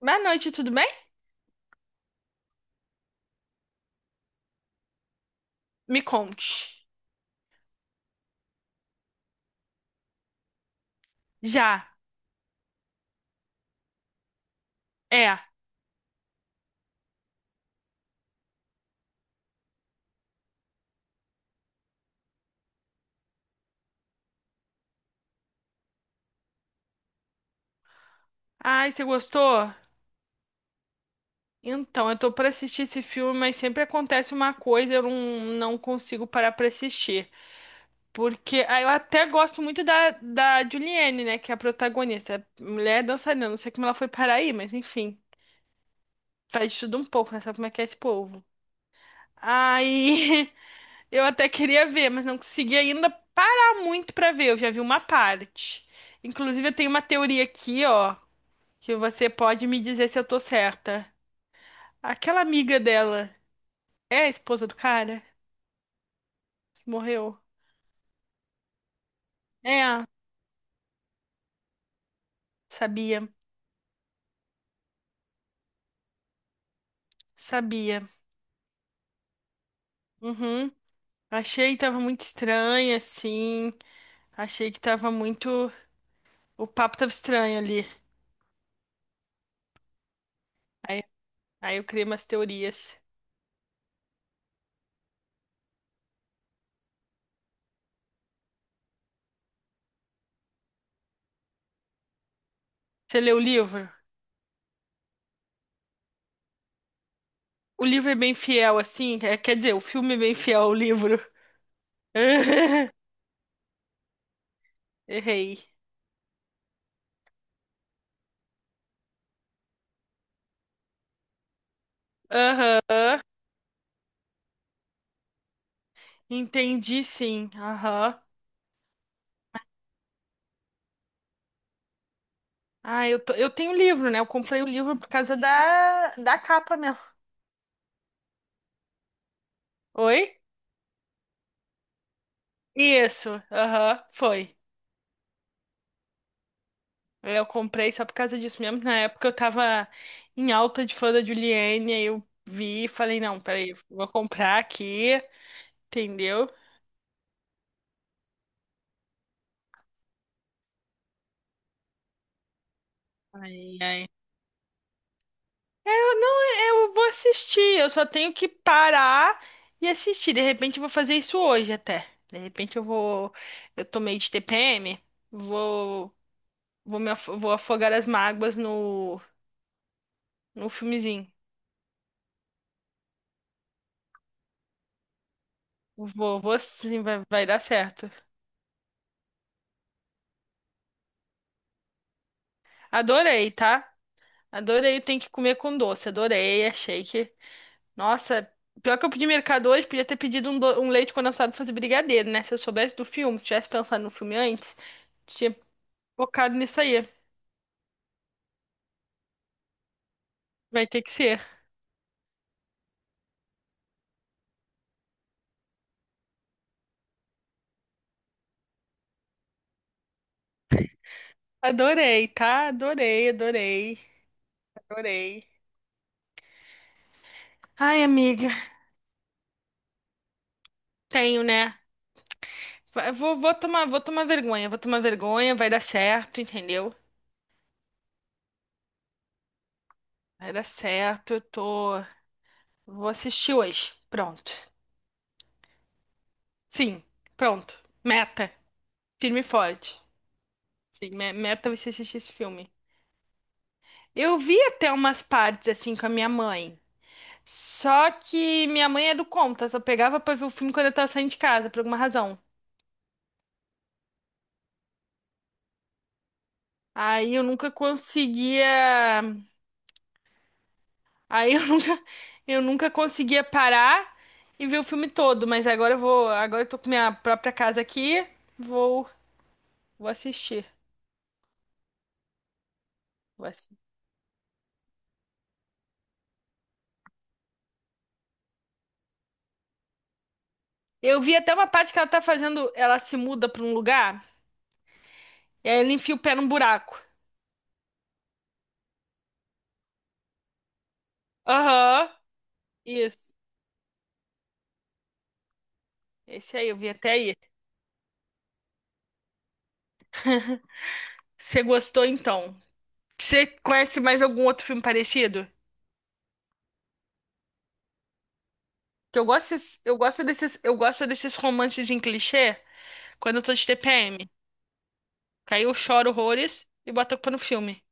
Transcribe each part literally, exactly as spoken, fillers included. Boa noite, tudo bem? Me conte. Já. É. Ai, você gostou? Então, eu tô pra assistir esse filme, mas sempre acontece uma coisa, eu não, não consigo parar pra assistir. Porque ah, eu até gosto muito da, da Julianne, né? Que é a protagonista. Mulher dançarina, não sei como ela foi parar aí, mas enfim. Faz de tudo um pouco, né? Sabe como é que é esse povo. Aí, eu até queria ver, mas não consegui ainda parar muito pra ver. Eu já vi uma parte. Inclusive, eu tenho uma teoria aqui, ó. Que você pode me dizer se eu tô certa. Aquela amiga dela é a esposa do cara que morreu? É, sabia, sabia. Uhum. Achei que tava muito estranha, assim. Achei que tava muito. O papo tava estranho ali. Aí, aí eu criei umas teorias. Você leu o livro? O livro é bem fiel, assim. É, quer dizer, o filme é bem fiel ao livro. Errei. Aham. Entendi, sim. Aham. Ah, eu, tô- eu tenho livro, né? Eu comprei o livro por causa da, da capa mesmo. Oi? Isso, aham, foi. Eu comprei só por causa disso mesmo. Na época eu tava em alta de fã da Juliane, aí eu vi e falei, não, peraí, vou comprar aqui, entendeu? Aí, aí. É, eu não, eu vou assistir, eu só tenho que parar e assistir. De repente eu vou fazer isso hoje até. De repente eu vou, eu tô meio de T P M, vou Vou, me afo- vou afogar as mágoas no, no filmezinho. Vou, vou sim, vai, vai dar certo. Adorei, tá? Adorei, tem que comer com doce. Adorei, achei que. Nossa, pior que eu pedi mercado hoje, podia ter pedido um, do- um leite condensado pra fazer brigadeiro, né? Se eu soubesse do filme, se tivesse pensado no filme antes, tinha focado nisso aí. Vai ter que ser. Adorei, tá? Adorei, adorei, adorei. Ai, amiga, tenho, né? Vai- Vou, vou tomar, vou tomar vergonha, vou tomar vergonha, vai dar certo, entendeu? Vai dar certo, eu tô. Vou assistir hoje. Pronto. Sim, pronto. Meta. Firme e forte. Sim, me- meta vai ser assistir esse filme. Eu vi até umas partes assim com a minha mãe. Só que minha mãe é do contra, só pegava pra ver o filme quando eu tava saindo de casa, por alguma razão. Aí eu nunca conseguia. Aí eu nunca, eu nunca conseguia parar e ver o filme todo. Mas agora eu vou. Agora eu tô com minha própria casa aqui. Vou, vou assistir. Vou. Eu vi até uma parte que ela tá fazendo. Ela se muda pra um lugar e aí ela enfia o pé num buraco. Aham, isso. Esse aí, eu vi até aí. Você gostou então? Você conhece mais algum outro filme parecido? Que eu gosto, desses- eu gosto desses, eu gosto desses romances em clichê quando eu tô de T P M. Que Aí eu choro horrores e boto a culpa no filme.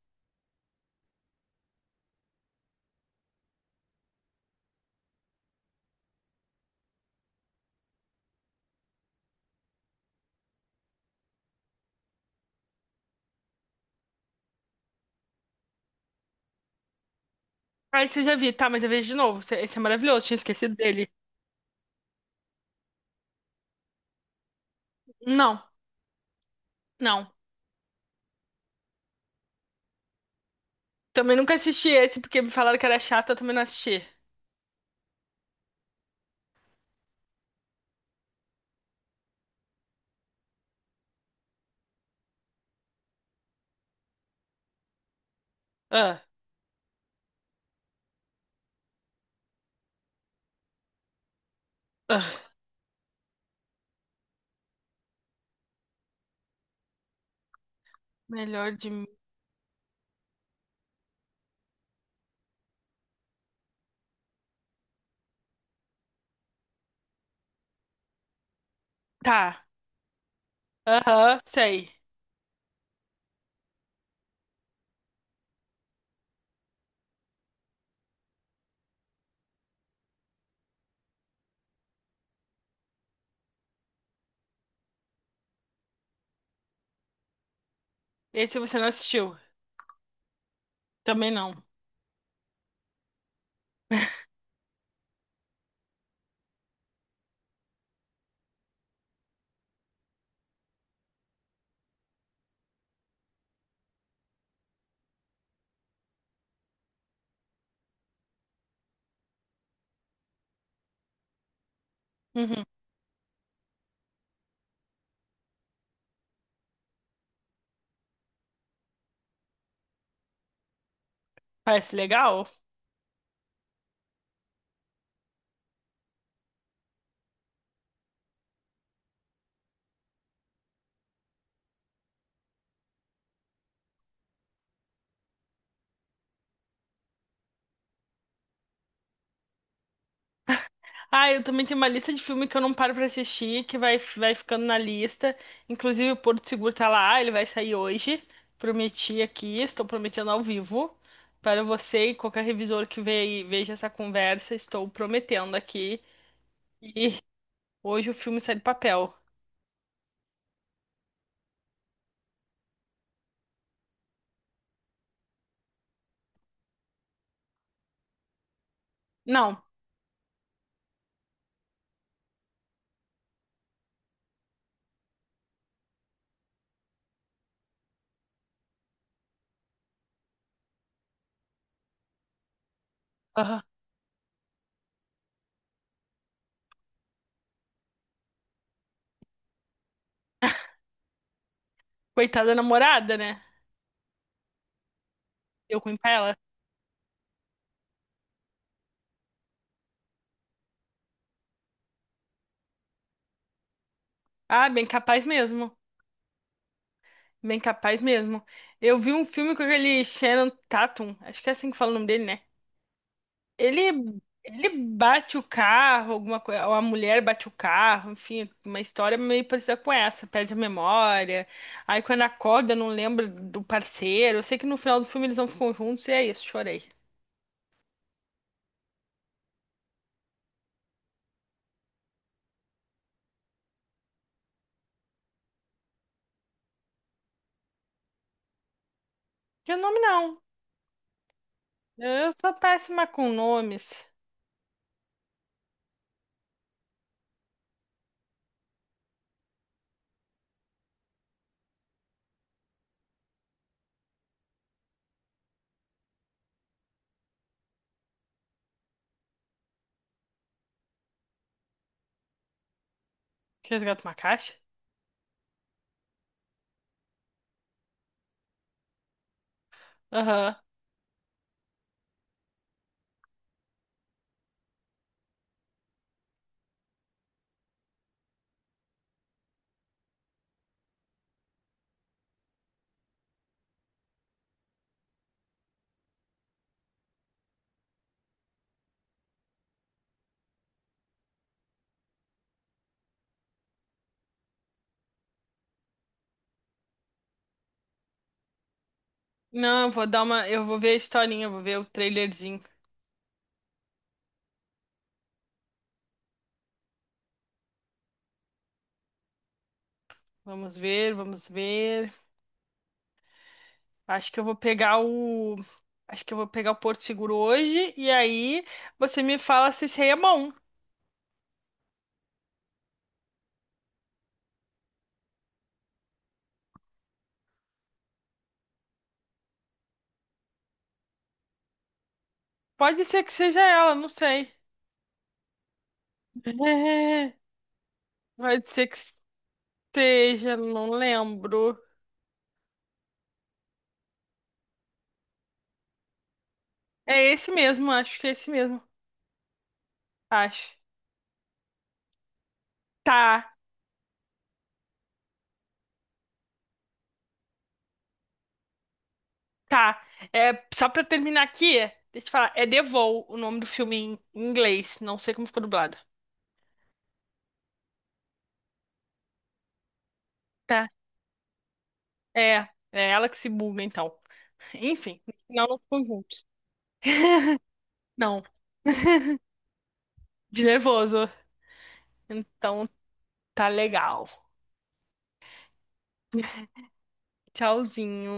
Ah, esse eu já vi, tá, mas eu vejo de novo. Esse esse é maravilhoso, tinha esquecido dele. Não, não. Também nunca assisti esse porque me falaram que era chato, eu também não assisti. Ah, ah. Melhor de mim. Tá. Aham, sei. Esse você não assistiu. Também não. Uhum. Parece legal. Ah, eu também tenho uma lista de filme que eu não paro pra assistir, que vai, vai ficando na lista. Inclusive, o Porto Seguro tá lá, ele vai sair hoje. Prometi aqui, estou prometendo ao vivo. Para você e qualquer revisor que ve- veja essa conversa, estou prometendo aqui. E hoje o filme sai do papel. Não. Aham. Coitada da namorada, né? Eu com ela. Ah, bem capaz mesmo. Bem capaz mesmo. Eu vi um filme com aquele Shannon Tatum, acho que é assim que fala o nome dele, né? Ele, ele bate o carro, alguma coisa, ou a mulher bate o carro, enfim, uma história meio parecida com essa, perde a memória. Aí quando acorda, não lembra do parceiro. Eu sei que no final do filme eles não ficam juntos e é isso, chorei. E o nome não. Eu sou péssima com nomes. Resgata uma caixa? Aham. Não, eu vou dar uma. Eu vou ver a historinha, eu vou ver o trailerzinho. Vamos ver, vamos ver. Acho que eu vou pegar o. Acho que eu vou pegar o Porto Seguro hoje e aí você me fala se isso aí é bom. Pode ser que seja ela, não sei. É, pode ser que seja, não lembro. É esse mesmo, acho que é esse mesmo. Acho. Tá, tá. É, só pra terminar aqui, deixa eu te falar. É The Vow, o nome do filme em em inglês. Não sei como ficou dublado. Tá. É, é ela que se buga, então. Enfim, no final não ficou juntos. Não, de nervoso. Então. Tá legal. Tchauzinho.